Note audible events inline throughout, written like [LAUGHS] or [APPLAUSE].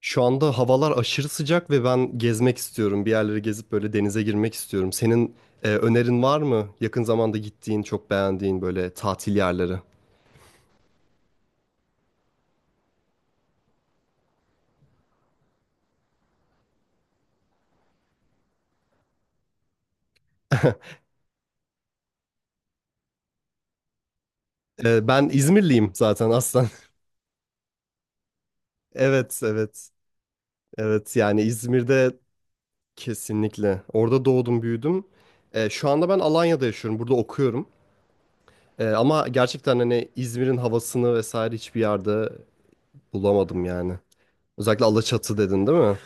Şu anda havalar aşırı sıcak ve ben gezmek istiyorum. Bir yerleri gezip böyle denize girmek istiyorum. Senin önerin var mı? Yakın zamanda gittiğin, çok beğendiğin böyle tatil yerleri. [LAUGHS] Ben İzmirliyim zaten aslen. [LAUGHS] Evet, evet. Evet yani İzmir'de kesinlikle. Orada doğdum, büyüdüm. Şu anda ben Alanya'da yaşıyorum. Burada okuyorum. Ama gerçekten hani İzmir'in havasını vesaire hiçbir yerde bulamadım yani. Özellikle Alaçatı dedin değil mi?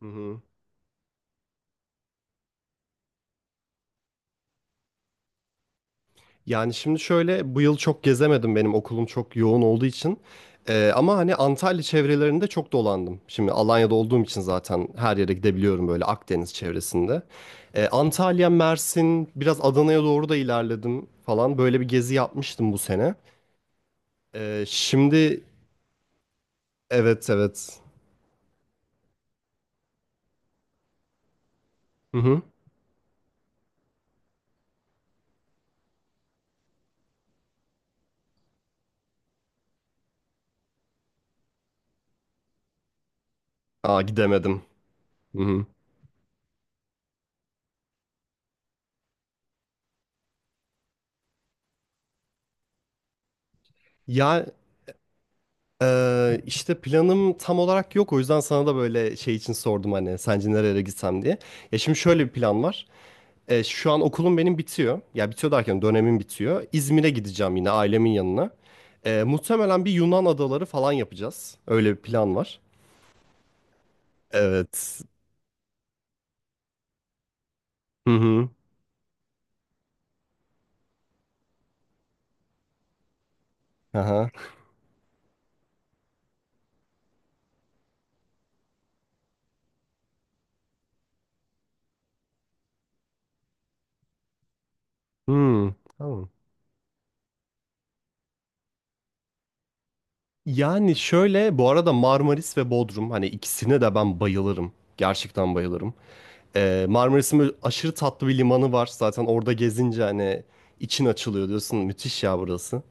Hı hı. Yani şimdi şöyle bu yıl çok gezemedim benim okulum çok yoğun olduğu için. Ama hani Antalya çevrelerinde çok dolandım. Şimdi Alanya'da olduğum için zaten her yere gidebiliyorum böyle Akdeniz çevresinde. Antalya, Mersin, biraz Adana'ya doğru da ilerledim falan. Böyle bir gezi yapmıştım bu sene. Şimdi evet evet. Hı hı. Aa gidemedim. Hı hı. Ya işte planım tam olarak yok. O yüzden sana da böyle şey için sordum hani sence nerelere gitsem diye. Ya şimdi şöyle bir plan var. Şu an okulum benim bitiyor. Ya bitiyor derken dönemim bitiyor. İzmir'e gideceğim yine ailemin yanına. Muhtemelen bir Yunan adaları falan yapacağız. Öyle bir plan var. Evet. Hı hı. Aha. Hmm. Tamam. Yani şöyle bu arada Marmaris ve Bodrum hani ikisine de ben bayılırım. Gerçekten bayılırım. Marmaris'in böyle aşırı tatlı bir limanı var. Zaten orada gezince hani için açılıyor diyorsun. Müthiş ya burası.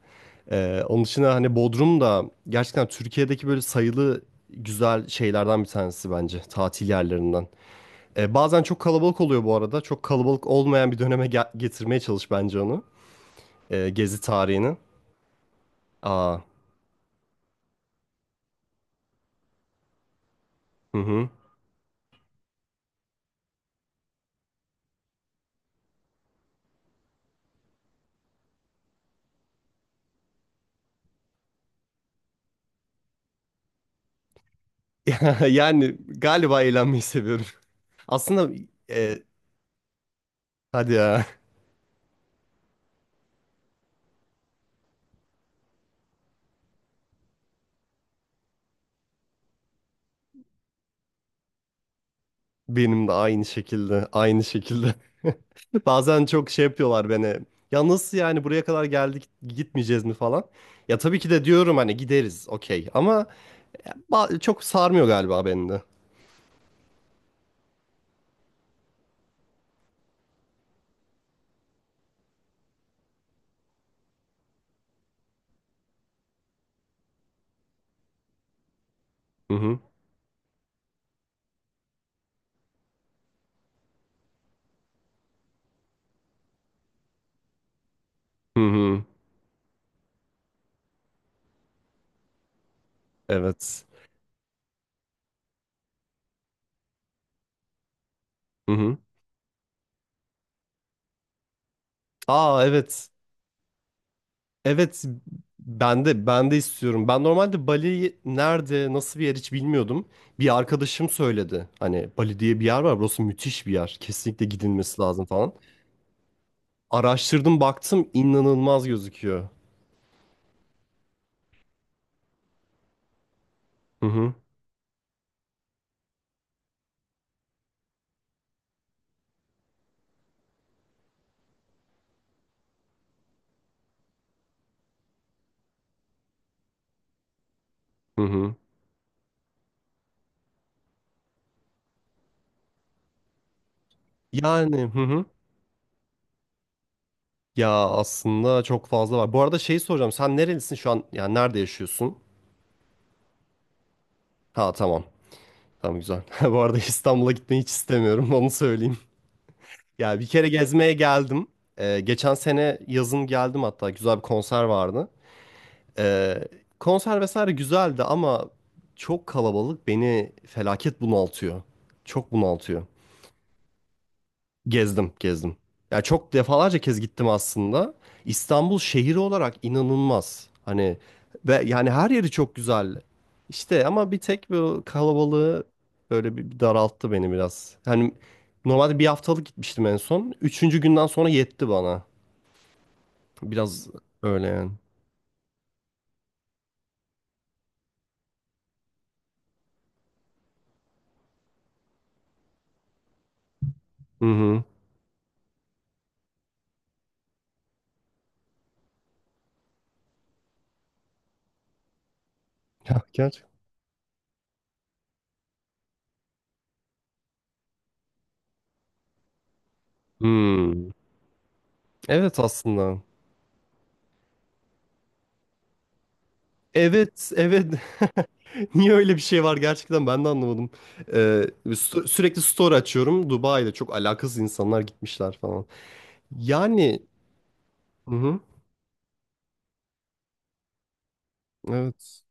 Onun dışında hani Bodrum da gerçekten Türkiye'deki böyle sayılı güzel şeylerden bir tanesi bence. Tatil yerlerinden. Bazen çok kalabalık oluyor bu arada. Çok kalabalık olmayan bir döneme getirmeye çalış bence onu. Gezi tarihini. Aa, hı hı. [LAUGHS] Yani galiba eğlenmeyi seviyorum. Aslında e, hadi ya, benim de aynı şekilde, aynı şekilde. [LAUGHS] Bazen çok şey yapıyorlar beni. Ya nasıl yani buraya kadar geldik gitmeyeceğiz mi falan. Ya tabii ki de diyorum hani gideriz okey ama çok sarmıyor galiba beni de. Hı hı. Hı hı. Evet. Hı hı. Aa evet. Evet ben de ben de istiyorum. Ben normalde Bali nerede nasıl bir yer hiç bilmiyordum. Bir arkadaşım söyledi. Hani Bali diye bir yer var. Burası müthiş bir yer. Kesinlikle gidilmesi lazım falan. Araştırdım baktım inanılmaz gözüküyor. Hı hı hı hı. Yani hı hı. Ya aslında çok fazla var. Bu arada şeyi soracağım. Sen nerelisin şu an? Yani nerede yaşıyorsun? Ha tamam. Tamam güzel. [LAUGHS] Bu arada İstanbul'a gitmeyi hiç istemiyorum. [LAUGHS] Onu söyleyeyim. Ya bir kere gezmeye geldim. Geçen sene yazın geldim hatta güzel bir konser vardı. Ee, Konser vesaire güzeldi ama çok kalabalık beni felaket bunaltıyor. Çok bunaltıyor. Gezdim, gezdim. Ya çok defalarca kez gittim aslında. İstanbul şehri olarak inanılmaz. Hani ve yani her yeri çok güzel. İşte ama bir tek bu kalabalığı böyle bir daralttı beni biraz. Hani normalde bir haftalık gitmiştim en son. Üçüncü günden sonra yetti bana. Biraz öyle yani. Hı hı. Ya gerçekten. Hmm. Evet aslında. Evet, evet. [LAUGHS] Niye öyle bir şey var gerçekten ben de anlamadım. Sürekli story açıyorum. Dubai'de çok alakasız insanlar gitmişler falan. Yani, hı hı, evet.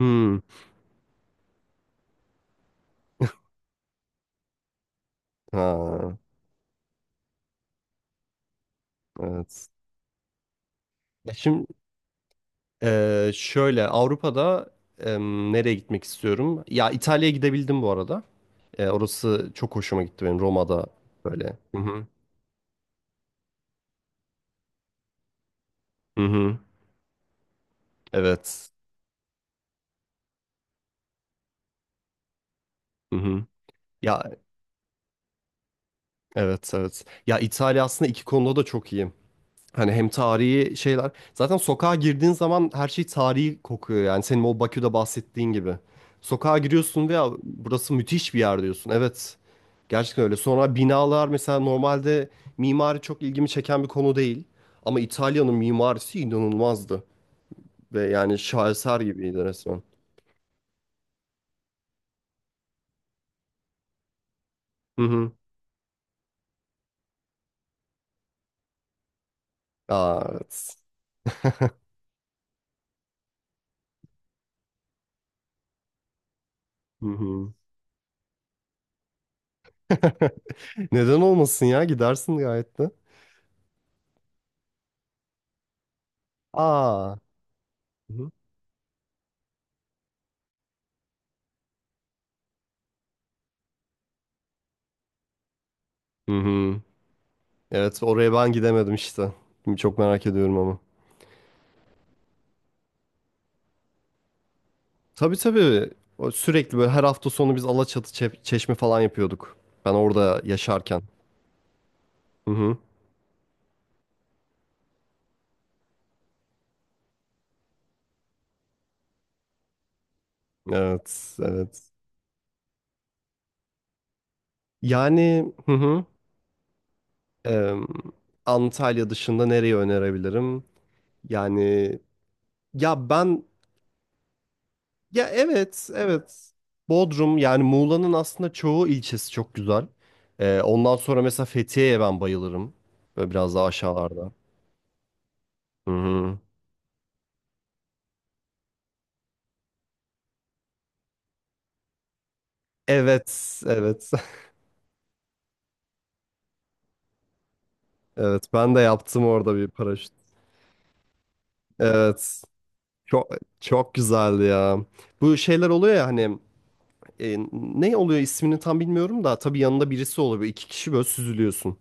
Hmm. Ha, evet. Ya şimdi şöyle Avrupa'da nereye gitmek istiyorum? Ya İtalya'ya gidebildim bu arada. Orası çok hoşuma gitti benim, Roma'da böyle. Hı hı. Hı hı. Evet. Hı hı. Ya evet evet. Ya İtalya aslında iki konuda da çok iyi. Hani hem tarihi şeyler. Zaten sokağa girdiğin zaman her şey tarihi kokuyor. Yani senin o Bakü'de bahsettiğin gibi. Sokağa giriyorsun ve "Ya burası müthiş bir yer" diyorsun. Evet. Gerçekten öyle. Sonra binalar mesela normalde mimari çok ilgimi çeken bir konu değil. Ama İtalya'nın mimarisi inanılmazdı. Ve yani şaheser gibiydi resmen. Hı hı. Aa, evet. [LAUGHS] Hı hı. [LAUGHS] Neden olmasın ya? Gidersin gayet de. Aa. Hı hı. Hı hı. Evet oraya ben gidemedim işte. Şimdi çok merak ediyorum ama. Tabii tabii. O sürekli böyle her hafta sonu biz Alaçatı Çeşme falan yapıyorduk. Ben orada yaşarken. Hı hı. Evet, evet. Yani hı hı. Eee, Antalya dışında nereyi önerebilirim? Yani ya ben, ya evet, evet. Bodrum yani Muğla'nın aslında çoğu ilçesi çok güzel. Ondan sonra mesela Fethiye'ye ben bayılırım. Böyle biraz daha aşağılarda. Hı hı. Evet, evet, [LAUGHS] evet. Ben de yaptım orada bir paraşüt. Evet, çok çok güzeldi ya. Bu şeyler oluyor ya hani ne oluyor ismini tam bilmiyorum da tabii yanında birisi oluyor. Böyle İki kişi böyle süzülüyorsun.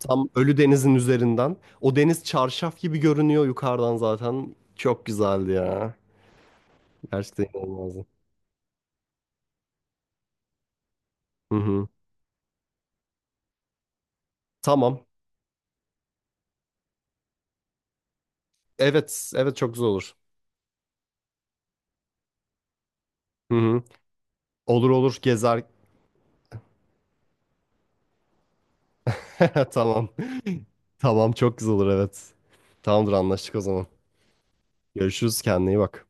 Tam Ölü Deniz'in üzerinden. O deniz çarşaf gibi görünüyor yukarıdan zaten. Çok güzeldi ya. Gerçekten inanılmazdı. Hı hı. Tamam. Evet, evet çok güzel olur. Hı hı. Olur olur gezer. [LAUGHS] Tamam. Tamam çok güzel olur evet. Tamamdır anlaştık o zaman. Görüşürüz kendine iyi bak.